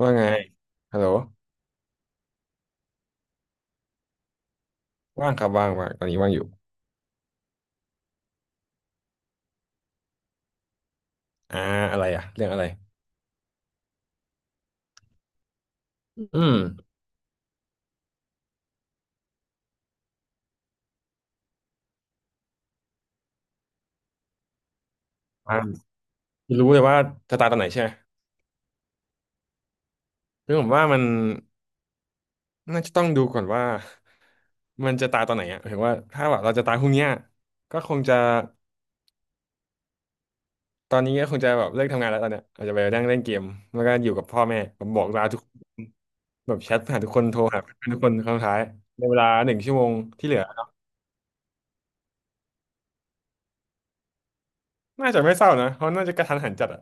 ว่าไงฮัลโหลว่างครับว่างว่างตอนนี้ว่างอยู่อ่าอะไรอะเรื่องอะไรอืมอ่ารู้เลยว่าจะตายตอนไหนใช่ไหมคือผมว่ามันน่าจะต้องดูก่อนว่ามันจะตายตอนไหนอะหมายถึงว่าถ้าแบบเราจะตายพรุ่งเนี้ยก็คงจะ ตอนนี้ก็คงจะแบบเลิกทำงานแล้วตอนเนี้ยอาจจะไปนั่งเล่นเกมแล้วก็อยู่กับพ่อแม่ผมบอกลาทุกคนแบบแชทหาทุกคนโทรหาเพื่อนทุกคนครั้งสุดท้ายในเวลา1 ชั่วโมงที่เหลือน่าจะไม่เศร้านะเพราะน่าจะกระทันหันจัดอะ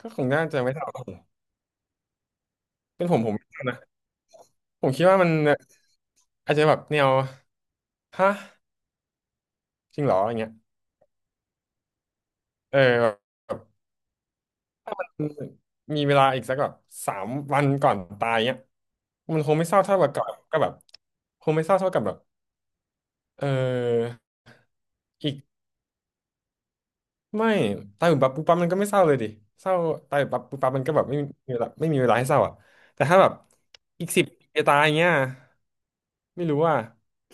ก็คงน่าจะไม่เศร้าเป็นผมไม่เศร้านะ ผมคิดว่ามันอาจจะแบบแนวฮะจริงเหรออย่างเงี้ยเออแบบแบบมีเวลาอีกสักแบบ3 วันก่อนตายเงี้ยมันคงไม่เศร้าเท่ากับก่อนก็แบบคงไม่เศร้าเท่ากับแบบเอออีกไม่ตายแบบปั๊บปุ๊บปั๊บมันก็ไม่เศร้าเลยดิเศร้าตายแบบปั๊บปุ๊บปั๊บมันก็แบบไม่มีเวลาไม่มีเวลาให้เศร้าอ่ะแต่ถ้าแบบอีกสิบปีจะตายเงี้ยไม่รู้ว่า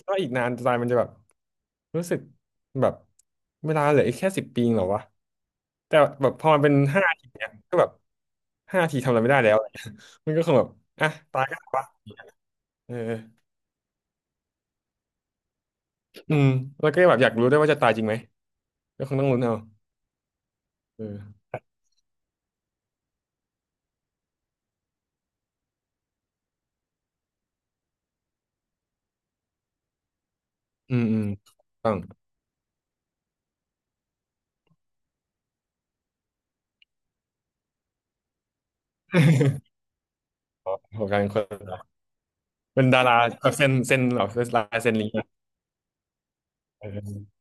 ก็อีกนานจะตายมันจะแบบ รู้สึกแบบเวลาเหลืออีกแค่สิบปีเองเหรอวะแต่แบบพอมันเป็นห้าทีเนี่ยก็แบบห้าทีทำอะไรไม่ได้แล้ว มันก็คงแบบอ่ะตายก็ตายวะเอออืมแล้วก็แบบอยากรู้ด้วยว่าจะตายจริงไหมก็คงต้องลุ้นเอาเอออืมอืมต้อง ของการคนเป็นดาราแบบเซ็นเหรอเป็นลายเซ็นลิงก์อะเออ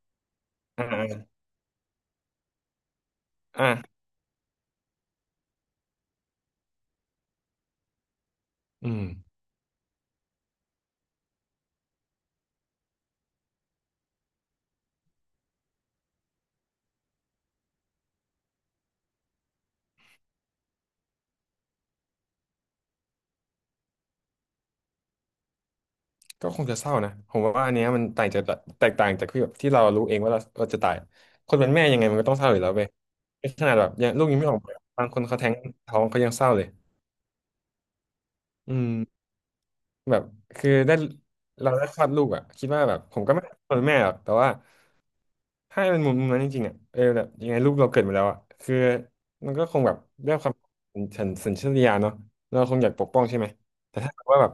อ่าอ่าอืม ก็คงจะเศร้านะผมว่าอันเนี้ยมันต่างจากแตกต่างจากที่แบบที่เรารู้เองว่าเราจะตายคนเป็นแม่ยังไงมันก็ต้องเศร้าอยู่แล้วเว้ยนขนาดแบบยังลูกยังไม่ออกมาบางคนเขาแท้งท้องเขายังเศร้าเลยอืมแบบคือได้เราได้คลอดลูกอ่ะคิดว่าแบบผมก็ไม่เป็นแม่หรอกแต่ว่า ถ้าเป็นมุมนั้นจริงๆอ่ะเออแบบยังไงลูกเราเกิดมาแล้วอ่ะคือมันก็คงแบบด้วยความสัสัญชาตญาณเนาะเราคงอยากปกป้องใช่ไหมแต่ถ้าเกิดว่าแบบ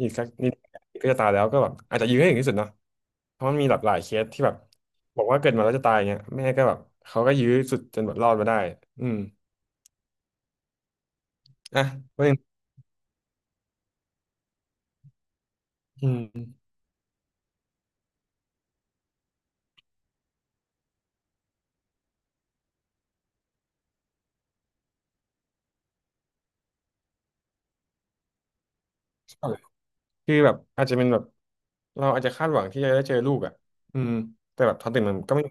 อีกสักนิดก็จะตายแล้วก็แบบอาจจะยื้อให้ถึงที่สุดเนาะเพราะมันมีหลากหลายเคสที่แบบบอกว่าเกิดมาแล้วจะตายเงี้ยแม่ก็แบบเขาก็ยื้อสุดจนแบบรอดมาได้อืมอ่ะประเด็อืมคือแบบอาจจะเป็นแบบเราอาจจะคาดหวังที่จะได้เจอลูกอ่ะอืมแต่แบบพอตื่นมันก็ไม่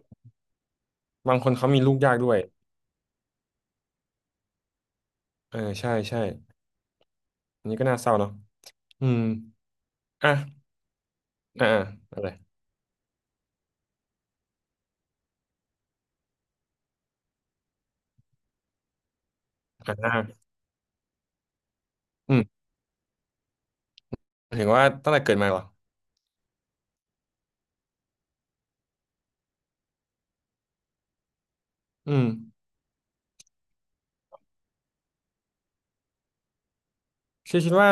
บางคนเขามีลูกยากด้วยเออใช่ใช่อันนี้ก็น่าเศร้าเนาะ อืม อ่ะอ่าอะอะไรอ่าอืมหมายถึงว่าตั้งแต่เกิดมาเหรอ อืมคิดว่า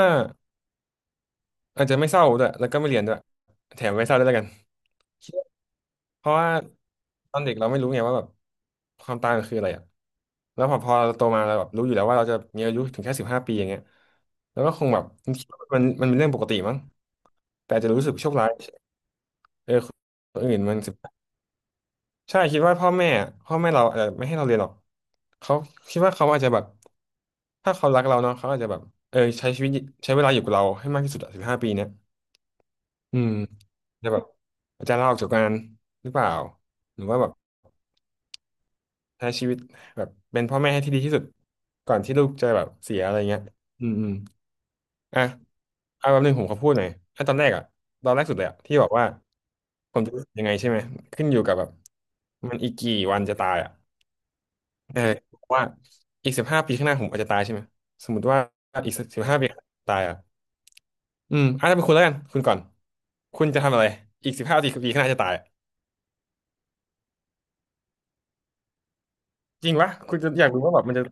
อาจจะไม่เศร้าด้วยแล้วก็ไม่เรียนด้วยแถมไม่เศร้าด้วยแล้วกันคิดว่าเพราะว่าตอนเด็กเราไม่รู้ไงว่าแบบความตายมันคืออะไรอ่ะแล้วพอเราโตมาเราแบบรู้อยู่แล้วว่าเราจะมีอายุถึงแค่สิบห้าปีอย่างเงี้ยแล้วก็คงแบบคิดว่ามันเป็นเรื่องปกติมั้ง แต่อาจจะรู้สึกโชคร้ายเออคนอื่นมัน ใช่คิดว่าพ่อแม่เราอาจจะไม่ให้เราเรียนหรอกเขาคิดว่าเขาอาจจะแบบถ้าเขารักเราเนาะเขาอาจจะแบบเออใช้ชีวิตใช้เวลาอยู่กับเราให้มากที่สุดอะสิบห้าปีเนี้ยอืมจะแบบอาจจะลาออกจากงานหรือเปล่าหรือว่าแบบใช้ชีวิตแบบเป็นพ่อแม่ให้ที่ดีที่สุดก่อนที่ลูกจะแบบเสียอะไรเงี้ยอืมอืมอ่ะเอาแบบหนึ่งผมขอพูดหน่อยอ่ะตอนแรกอะตอนแรกสุดเลยอะที่บอกว่าผมจะยังไงใช่ไหมขึ้นอยู่กับแบบมันอีกกี่วันจะตายอะ เออว่าอีก15 ปีข้างหน้าผมอาจจะตายใช่ไหมสมมติว่าอีกสิบห้าปีข้างหน้าตายอ่ะอาจจะเป็นคุณแล้วกันคุณก่อนคุณจะทำอะไรอีกสิบห้าปีข้างหน้าจะตายจริงปะคุณจะอยากรู้ว่าแบบมันจะ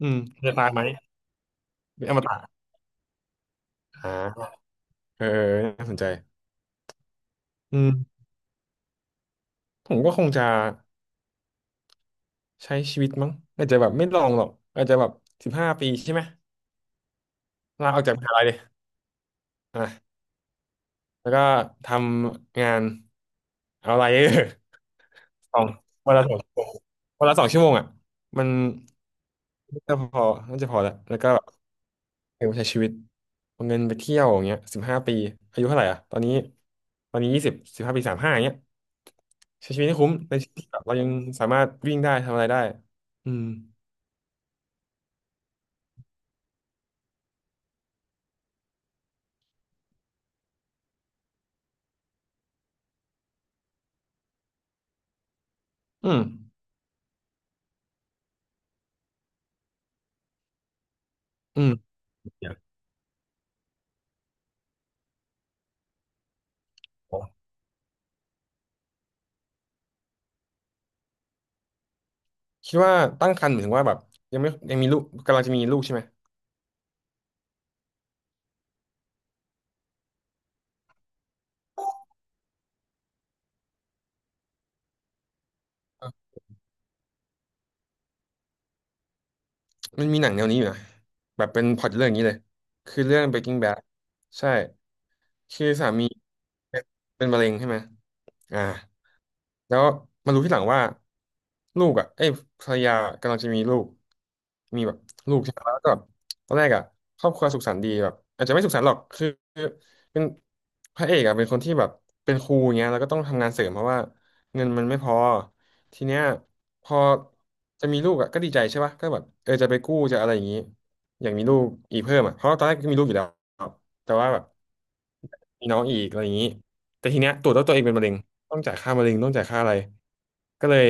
มันจะตายไหมเป็นอมตะอ่าเออน่าสนใจอืมผมก็คงจะใช้ชีวิตมั้งอาจจะแบบไม่ลองหรอกอาจจะแบบสิบห้าปีใช่ไหมลาออกจากมหาลัยเลยอ่ะแล้วก็ทำงานเอาอะไร สองวันละสองชั่วโมงวันละสองชั่วโมงอ่ะมันน่าจะพอแล้วแล้วก็เออใช้ชีวิตเอาเงินไปเที่ยวอย่างเงี้ยสิบห้าปีอายุเท่าไหร่อ่ะตอนนี้20สิบห้าปีสามห้าอย่างเงี้ยใช้ชีวิตให้คุ้มในชีวิตที่แบบเรายังสามารถวิ่งได้ทำอะไรได้อืมอืมอืมเดี๋ยวขอคิดว่าตั้งครรภ์หมายถึงว่าแบบยังมีลูกกำลังจะมีลูกใช่ไหมมันมีหนังแนวนี้อยู่นะแบบเป็นพล็อตเรื่องอย่างนี้เลยคือเรื่อง Breaking Bad ใช่ คือสามีเป็นมะเร็งใช่ไหมอ่าแล้วมารู้ที่หลังว่าลูกอ่ะเอ้ยภรรยากำลังจะมีลูกมีแบบลูกใช่ไหมแล้วก็แบบตอนแรกอ่ะครอบครัวสุขสันต์ดีแบบอาจจะไม่สุขสันต์หรอกคือเป็นพระเอกอ่ะเป็นคนที่แบบเป็นครูเงี้ยแล้วก็ต้องทำงานเสริมเพราะว่าเงินมันไม่พอทีเนี้ยพอจะมีลูกอ่ะก็ดีใจใช่ปะก็แบบเออจะไปกู้จะอะไรอย่างงี้อยากมีลูกอีกเพิ่มอ่ะเพราะว่าตอนแรกก็มีลูกอยู่แล้ว แต่ว่าแบบมีน้องอีกอะไรอย่างนี้แต่ทีเนี้ยตรวจแล้วตัวเองเป็นมะเร็งต้องจ่ายค่ามะเร็งต้องจ่ายค่าอะไรก็เลย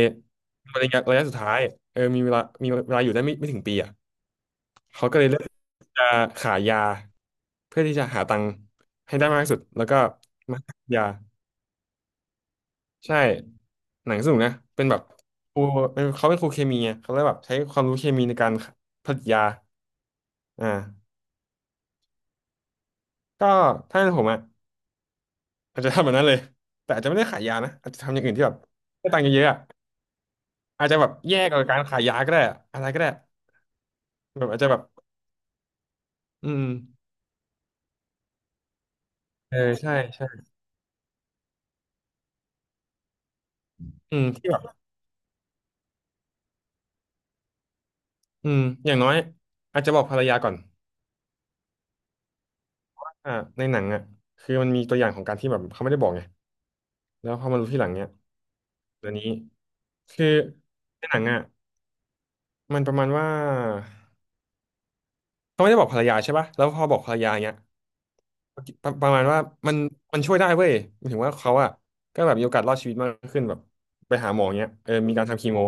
มะเร็งระยะสุดท้ายเออมีเวลามีเวลาอยู่ได้ไม่ถึงปีอ่ะเขาก็เลยเลือกจะขายยาเพื่อที่จะหาตังค์ให้ได้มากที่สุดแล้วก็มาขายยาใช่หนังสนุกนะเป็นแบบครูเป็นเขาเป็นครูเคมีไงเขาเลยแบบใช้ความรู้เคมีในการผลิตยาอ่าก็ถ้าเป็นผมอ่ะ อาจจะทำแบบนั้นเลยแต่อาจจะไม่ได้ขายยานะอาจจะทำอย่างอื่นที่แบบได้ตังค์เยอะๆอะอาจจะแบบแยกกับการขายยาก็ได้อะอะไรก็ได้แบบอาจจะแบบอืมเออใช่ใช่อืมที่แบบอืมอย่างน้อยอาจจะบอกภรรยาก่อนอ่าในหนังอ่ะคือมันมีตัวอย่างของการที่แบบเขาไม่ได้บอกไงแล้วพอมารู้ทีหลังเนี้ยตัวนี้คือในหนังอ่ะมันประมาณว่าเขาไม่ได้บอกภรรยาใช่ป่ะแล้วพอบอกภรรยาเนี้ย ปรประมาณว่ามันมันช่วยได้เว้ยหมายถึงว่าเขาอะก็แบบมีโอกาสรอดชีวิตมากขึ้นแบบไปหาหมอเงี้ยเออมีการทำคีโม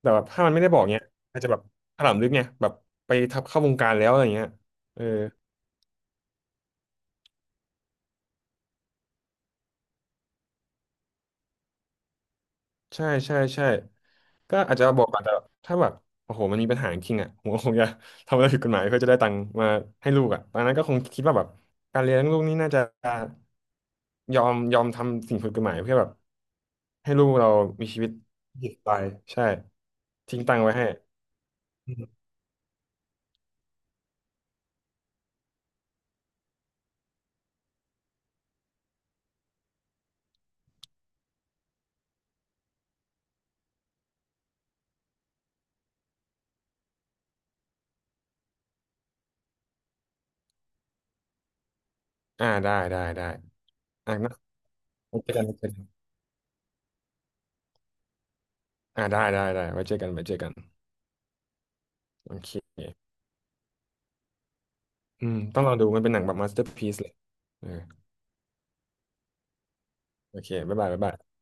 แต่แบบถ้ามันไม่ได้บอกเงี้ยอาจจะแบบถลำลึกเนี่ยแบบไปทับเข้าวงการแล้วอะไรเงี้ยเออ ใช่ใช่ใช่ก็อาจจะบอกอาจจะถ้าแบบโอ้โหมันมีปัญหาจริงๆอ่ะผมก็คงจะทำอะไรผิดกฎหมายเพื่อจะได้ตังค์มาให้ลูกอ่ะตอนนั้นก็คงคิดว่าแบบการเลี้ยงลูกนี่น่าจะยอมทำสิ่งผิดกฎหมายเพื่อแบบให้ลูกเรามีชีวิตหยุดไปใช่ทิ้งตังค์ไว้ให้อืมอ่าได้ได้ได้อ่ะนะไว้เจอกันไว้เจอกันอ่าได้ได้ได้ไว้เจอกันไว้เจอกันโอเคอืมต้องลองดูมันเป็นหนังแบบมาสเตอร์พีซเลยเออโอเคบ๊ายบายบ๊ายบาย